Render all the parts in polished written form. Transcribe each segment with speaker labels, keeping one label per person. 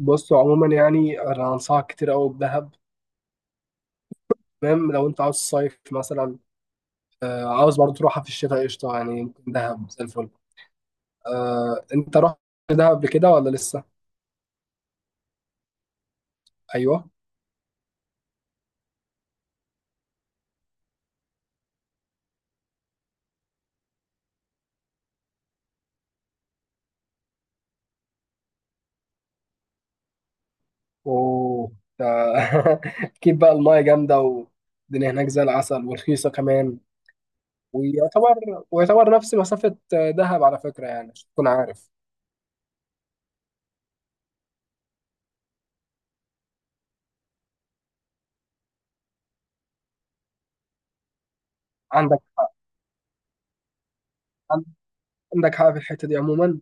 Speaker 1: بص عموما يعني انا انصحك كتير قوي بدهب. تمام لو انت عاوز صيف مثلا. آه عاوز برضه تروحها في الشتاء قشطه، يعني ممكن دهب زي الفل. آه انت رحت دهب قبل كده ولا لسه؟ ايوه. اوه. اكيد بقى المايه جامده والدنيا هناك زي العسل ورخيصه كمان. ويعتبر نفس مسافه دهب على فكره، يعني عشان تكون عارف. عندك عندك حاجه في الحته دي عموما؟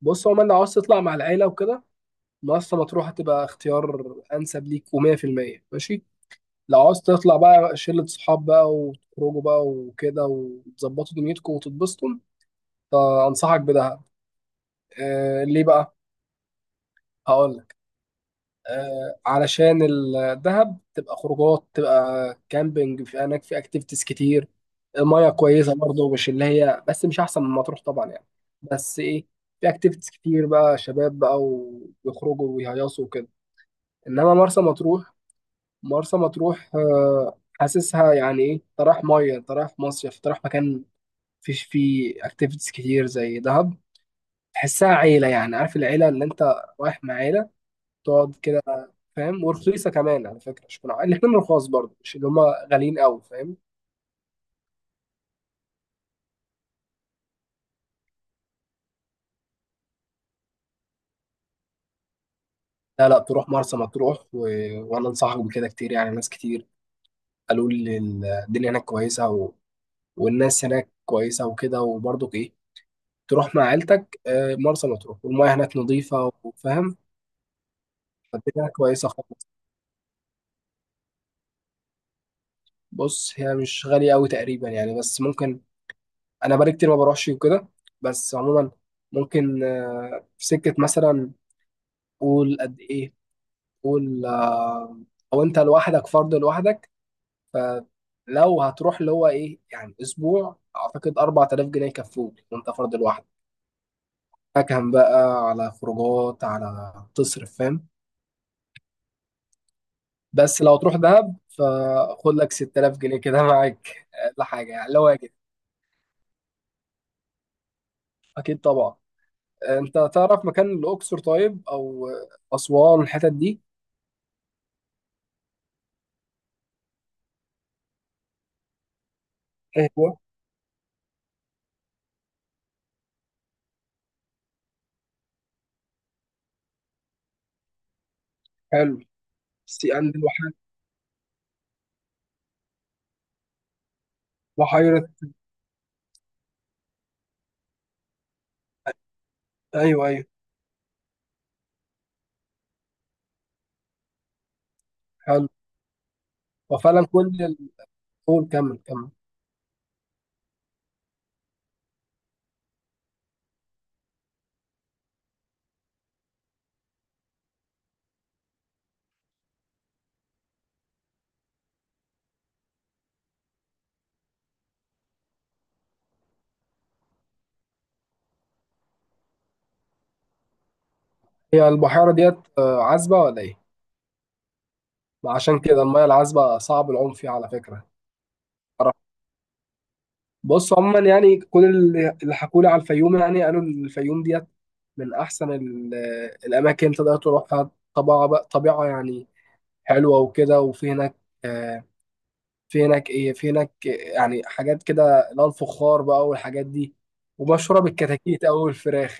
Speaker 1: بص عموما، لو عاوز تطلع مع العيله وكده مرسى مطروح هتبقى اختيار انسب ليك و100% ماشي. لو عاوز تطلع بقى شلة صحاب بقى، وتخرجوا بقى وكده، وتظبطوا دنيتكم وتتبسطوا، فانصحك بدهب. آه ليه بقى؟ هقول لك. آه علشان الدهب تبقى خروجات، تبقى كامبينج في هناك، في اكتيفيتيز كتير. المياه كويسة برضه، مش اللي هي، بس مش احسن من مطروح طبعا يعني. بس ايه، في اكتيفيتيز كتير بقى، شباب بقى ويخرجوا ويهيصوا وكده. انما مرسى مطروح، مرسى مطروح حاسسها يعني ايه، انت رايح ميه، انت رايح مصيف، انت رايح مكان فيش فيه اكتيفيتيز كتير زي دهب. تحسها عيله، يعني عارف، العيله اللي انت رايح مع عيله تقعد كده فاهم. ورخيصه كمان على فكره، مش كنا الاثنين رخاص برضه، مش اللي هم غاليين قوي فاهم. لا لا تروح مرسى مطروح، و... وانا انصحك بكده كتير، يعني ناس كتير قالوا لي الدنيا هناك كويسه، و... والناس هناك كويسه وكده، وبرضه ايه، تروح مع عيلتك مرسى مطروح والمياه هناك نظيفه وفاهم. البتاعة كويسة خالص. بص هي مش غالية أوي تقريبا يعني، بس ممكن. أنا بقالي كتير ما بروحش وكده، بس عموما ممكن في سكة مثلا. قول قد إيه، قول، أو أنت لوحدك، فرد لوحدك. فلو هتروح اللي هو إيه يعني، أسبوع أعتقد 4000 جنيه يكفوك، وأنت فرد لوحدك. فكهم بقى على خروجات، على تصرف فاهم. بس لو تروح دهب فخد لك 6000 جنيه كده معاك، لحاجة يعني لو واجب. أكيد طبعا. انت تعرف مكان الاقصر، طيب او اسوان، الحتت دي؟ ايوه. حلو. سي اند الوحي- بحيره. ايوه ايوه. حلو. وفعلا كل الطول، كمل كمل. هي البحيره ديت عذبه ولا ايه؟ ما عشان كده الميه العذبه صعب العوم فيها على فكره. أعرف. بص عموما يعني، كل اللي حكولي على الفيوم يعني قالوا الفيوم ديت من احسن الاماكن تقدر تروحها، طبيعه بقى، طبيعه يعني حلوه وكده. وفي هناك آه، في هناك ايه، في هناك يعني حاجات كده، اللي هو الفخار بقى والحاجات دي، ومشهوره بالكتاكيت او الفراخ.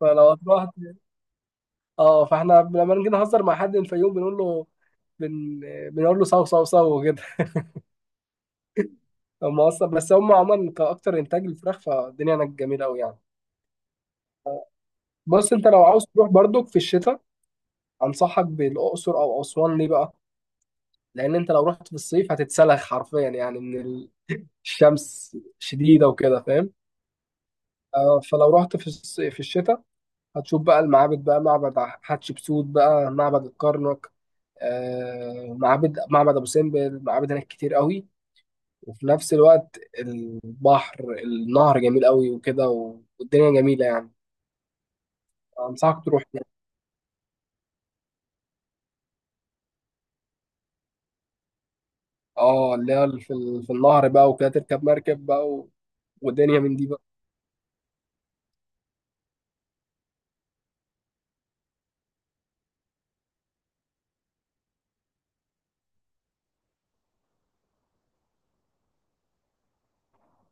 Speaker 1: فلو هتروح، اه، فاحنا لما نيجي نهزر مع حد من الفيوم بنقول له بن... بنقول له صو صو صو كده هم اصلا، بس هم عموما كاكتر انتاج للفراخ، فالدنيا هناك جميله قوي يعني. بص انت لو عاوز تروح برضك في الشتاء انصحك بالاقصر او اسوان، ليه بقى؟ لان انت لو رحت في الصيف هتتسلخ حرفيا، يعني من الشمس شديده وكده فاهم. فلو رحت في في الشتاء هتشوف بقى المعابد بقى، معبد حتشبسوت بقى، معبد الكرنك، معابد، معبد ابو سمبل، معابد هناك كتير قوي. وفي نفس الوقت البحر، النهر جميل قوي وكده، والدنيا جميلة يعني، انصحك تروح هناك. اه اللي هي في في النهر بقى وكده، تركب مركب بقى، و... ودنيا من دي بقى.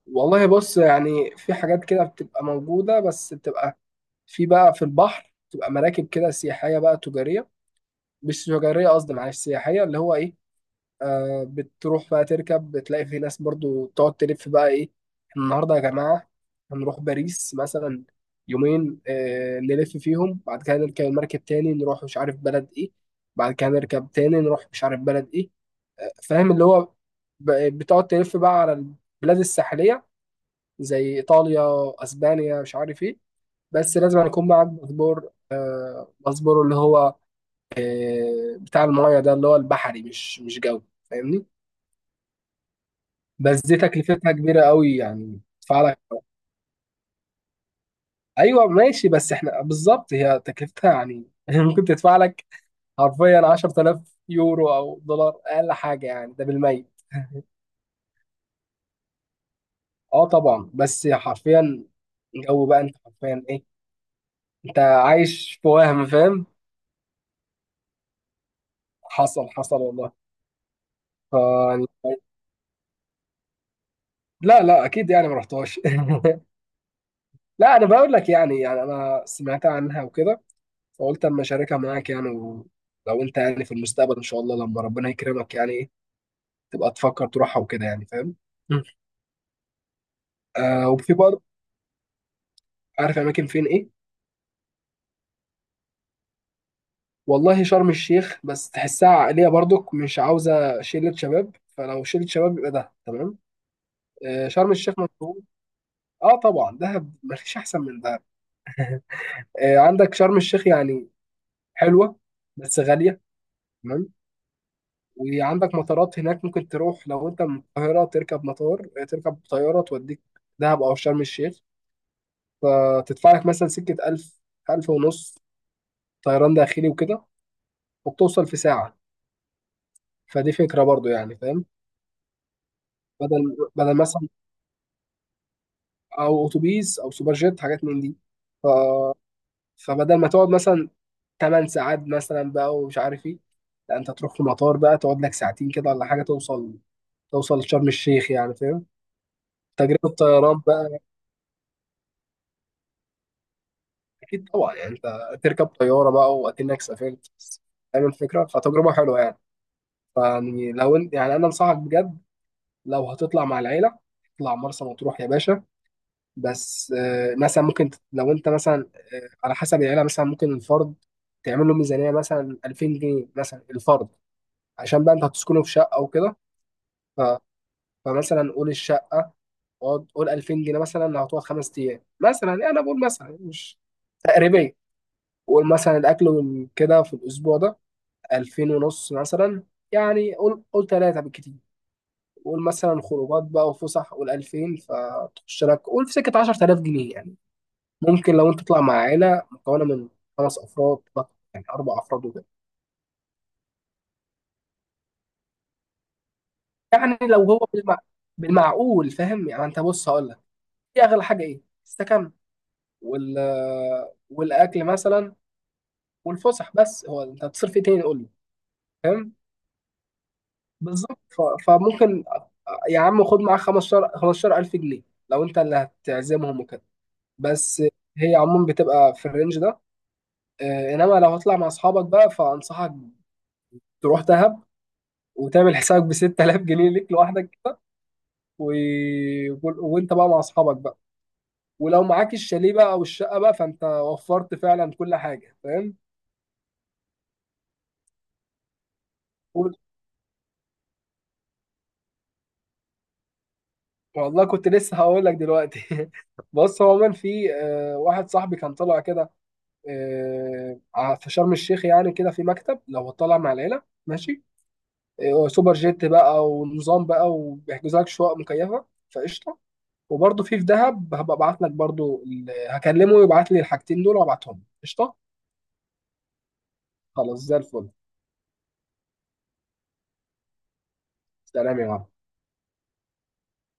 Speaker 1: والله بص، يعني في حاجات كده بتبقى موجودة، بس بتبقى في بقى، في البحر تبقى مراكب كده سياحية بقى، تجارية، مش تجارية قصدي، معلش، سياحية اللي هو إيه، بتروح بقى تركب، بتلاقي في ناس برضو تقعد تلف بقى إيه، إحنا النهاردة يا جماعة هنروح باريس مثلا يومين، نلف فيهم، بعد كده نركب المركب تاني نروح مش عارف بلد إيه، بعد كده نركب تاني نروح مش عارف بلد إيه، فاهم اللي هو بتقعد تلف بقى على البلاد الساحلية زي إيطاليا، أسبانيا مش عارف إيه. بس لازم يكون معاك باسبور، باسبور اللي هو بتاع المايه ده، اللي هو البحري، مش جو، فاهمني. بس دي تكلفتها كبيره قوي يعني، تدفع لك. ايوه ماشي، بس احنا بالظبط هي تكلفتها يعني ممكن تدفع لك حرفيا 10000 يورو او دولار، اقل حاجه يعني، ده بالميت اه طبعا، بس حرفيا جو بقى، انت حرفيا ايه، انت عايش في وهم فاهم. حصل حصل والله. ف يعني، لا لا اكيد يعني ما رحتهاش. لا انا بقول لك، يعني انا سمعت عنها وكده، فقلت اما اشاركها معاك يعني، ولو انت يعني في المستقبل ان شاء الله لما ربنا يكرمك يعني ايه، تبقى تفكر تروحها وكده يعني فاهم. مم. آه وفي برضه، عارف اماكن فين ايه. والله شرم الشيخ، بس تحسها عائليه برضك، مش عاوزه، شله شباب، فلو شله شباب يبقى ده تمام. آه شرم الشيخ مشهور. اه طبعا دهب مفيش احسن من دهب. آه عندك شرم الشيخ، يعني حلوه بس غاليه، تمام. وعندك مطارات هناك، ممكن تروح لو انت من القاهرة، تركب مطار، تركب طيارة، توديك دهب أو شرم الشيخ، فتدفع لك مثلا سكة ألف، ألف ونص، طيران داخلي وكده، وبتوصل في ساعة. فدي فكرة برضو يعني فاهم. بدل مثلا، أو أتوبيس أو سوبر جيت، حاجات من دي. ف... فبدل ما تقعد مثلا 8 ساعات مثلا بقى ومش عارف ايه، لا انت تروح في مطار بقى، تقعد لك ساعتين كده ولا حاجة، توصل شرم الشيخ يعني فاهم. تجربة طيران، اكيد طبعا يعني، انت تركب طياره بقى واكنك سافرت بس، فاهم الفكره، فتجربه حلوه يعني. فيعني لو انت يعني، انا انصحك بجد، لو هتطلع مع العيله اطلع مرسى مطروح يا باشا. بس مثلا ممكن لو انت مثلا على حسب العيله، مثلا ممكن الفرد تعمل له ميزانيه مثلا 2000 جنيه مثلا الفرد، عشان بقى انت هتسكنه في شقه وكده. ف- فمثلا قول الشقه، قول 2000 جنيه مثلا لو هتقعد خمس ايام مثلا، يعني انا بقول مثلا، مش تقريبا. وقول مثلا الاكل وكده في الاسبوع ده 2000 ونص مثلا، يعني قول قول ثلاثة بالكتير. قول مثلا خروجات بقى وفسح، قول 2000، فتخش لك قول في سكة 10000 جنيه يعني. ممكن لو أنت تطلع مع عائلة مكونة من خمس أفراد بقى، يعني أربع أفراد وكده. يعني لو هو بالمعقول فاهم يعني، أنت بص هقول لك، دي أغلى حاجة إيه؟ السكن وال والأكل مثلا والفسح، بس هو أنت هتصرف إيه تاني، قول لي، فاهم؟ بالظبط. فممكن يا عم، خد معاك 15 15000 جنيه لو أنت اللي هتعزمهم وكده. بس هي عموما بتبقى في الرينج ده. انما لو هتطلع مع اصحابك بقى، فانصحك تروح دهب، وتعمل حسابك ب 6000 جنيه ليك لوحدك كده، و... وانت بقى مع اصحابك بقى، ولو معاك الشاليه بقى او الشقه بقى، فانت وفرت فعلا كل حاجه فاهم. قول- والله كنت لسه هقول لك دلوقتي بص هو عموما في واحد صاحبي كان طالع كده، في شرم الشيخ، يعني كده في مكتب لو طالع مع العيله ماشي، سوبر جيت بقى ونظام بقى، وبيحجزوا لك شقق مكيفه، فقشطه. وبرضه في دهب، هبقى ابعت لك برضه هكلمه يبعت لي الحاجتين دول وابعتهم قشطه. خلاص زي الفل. سلام يا معلم.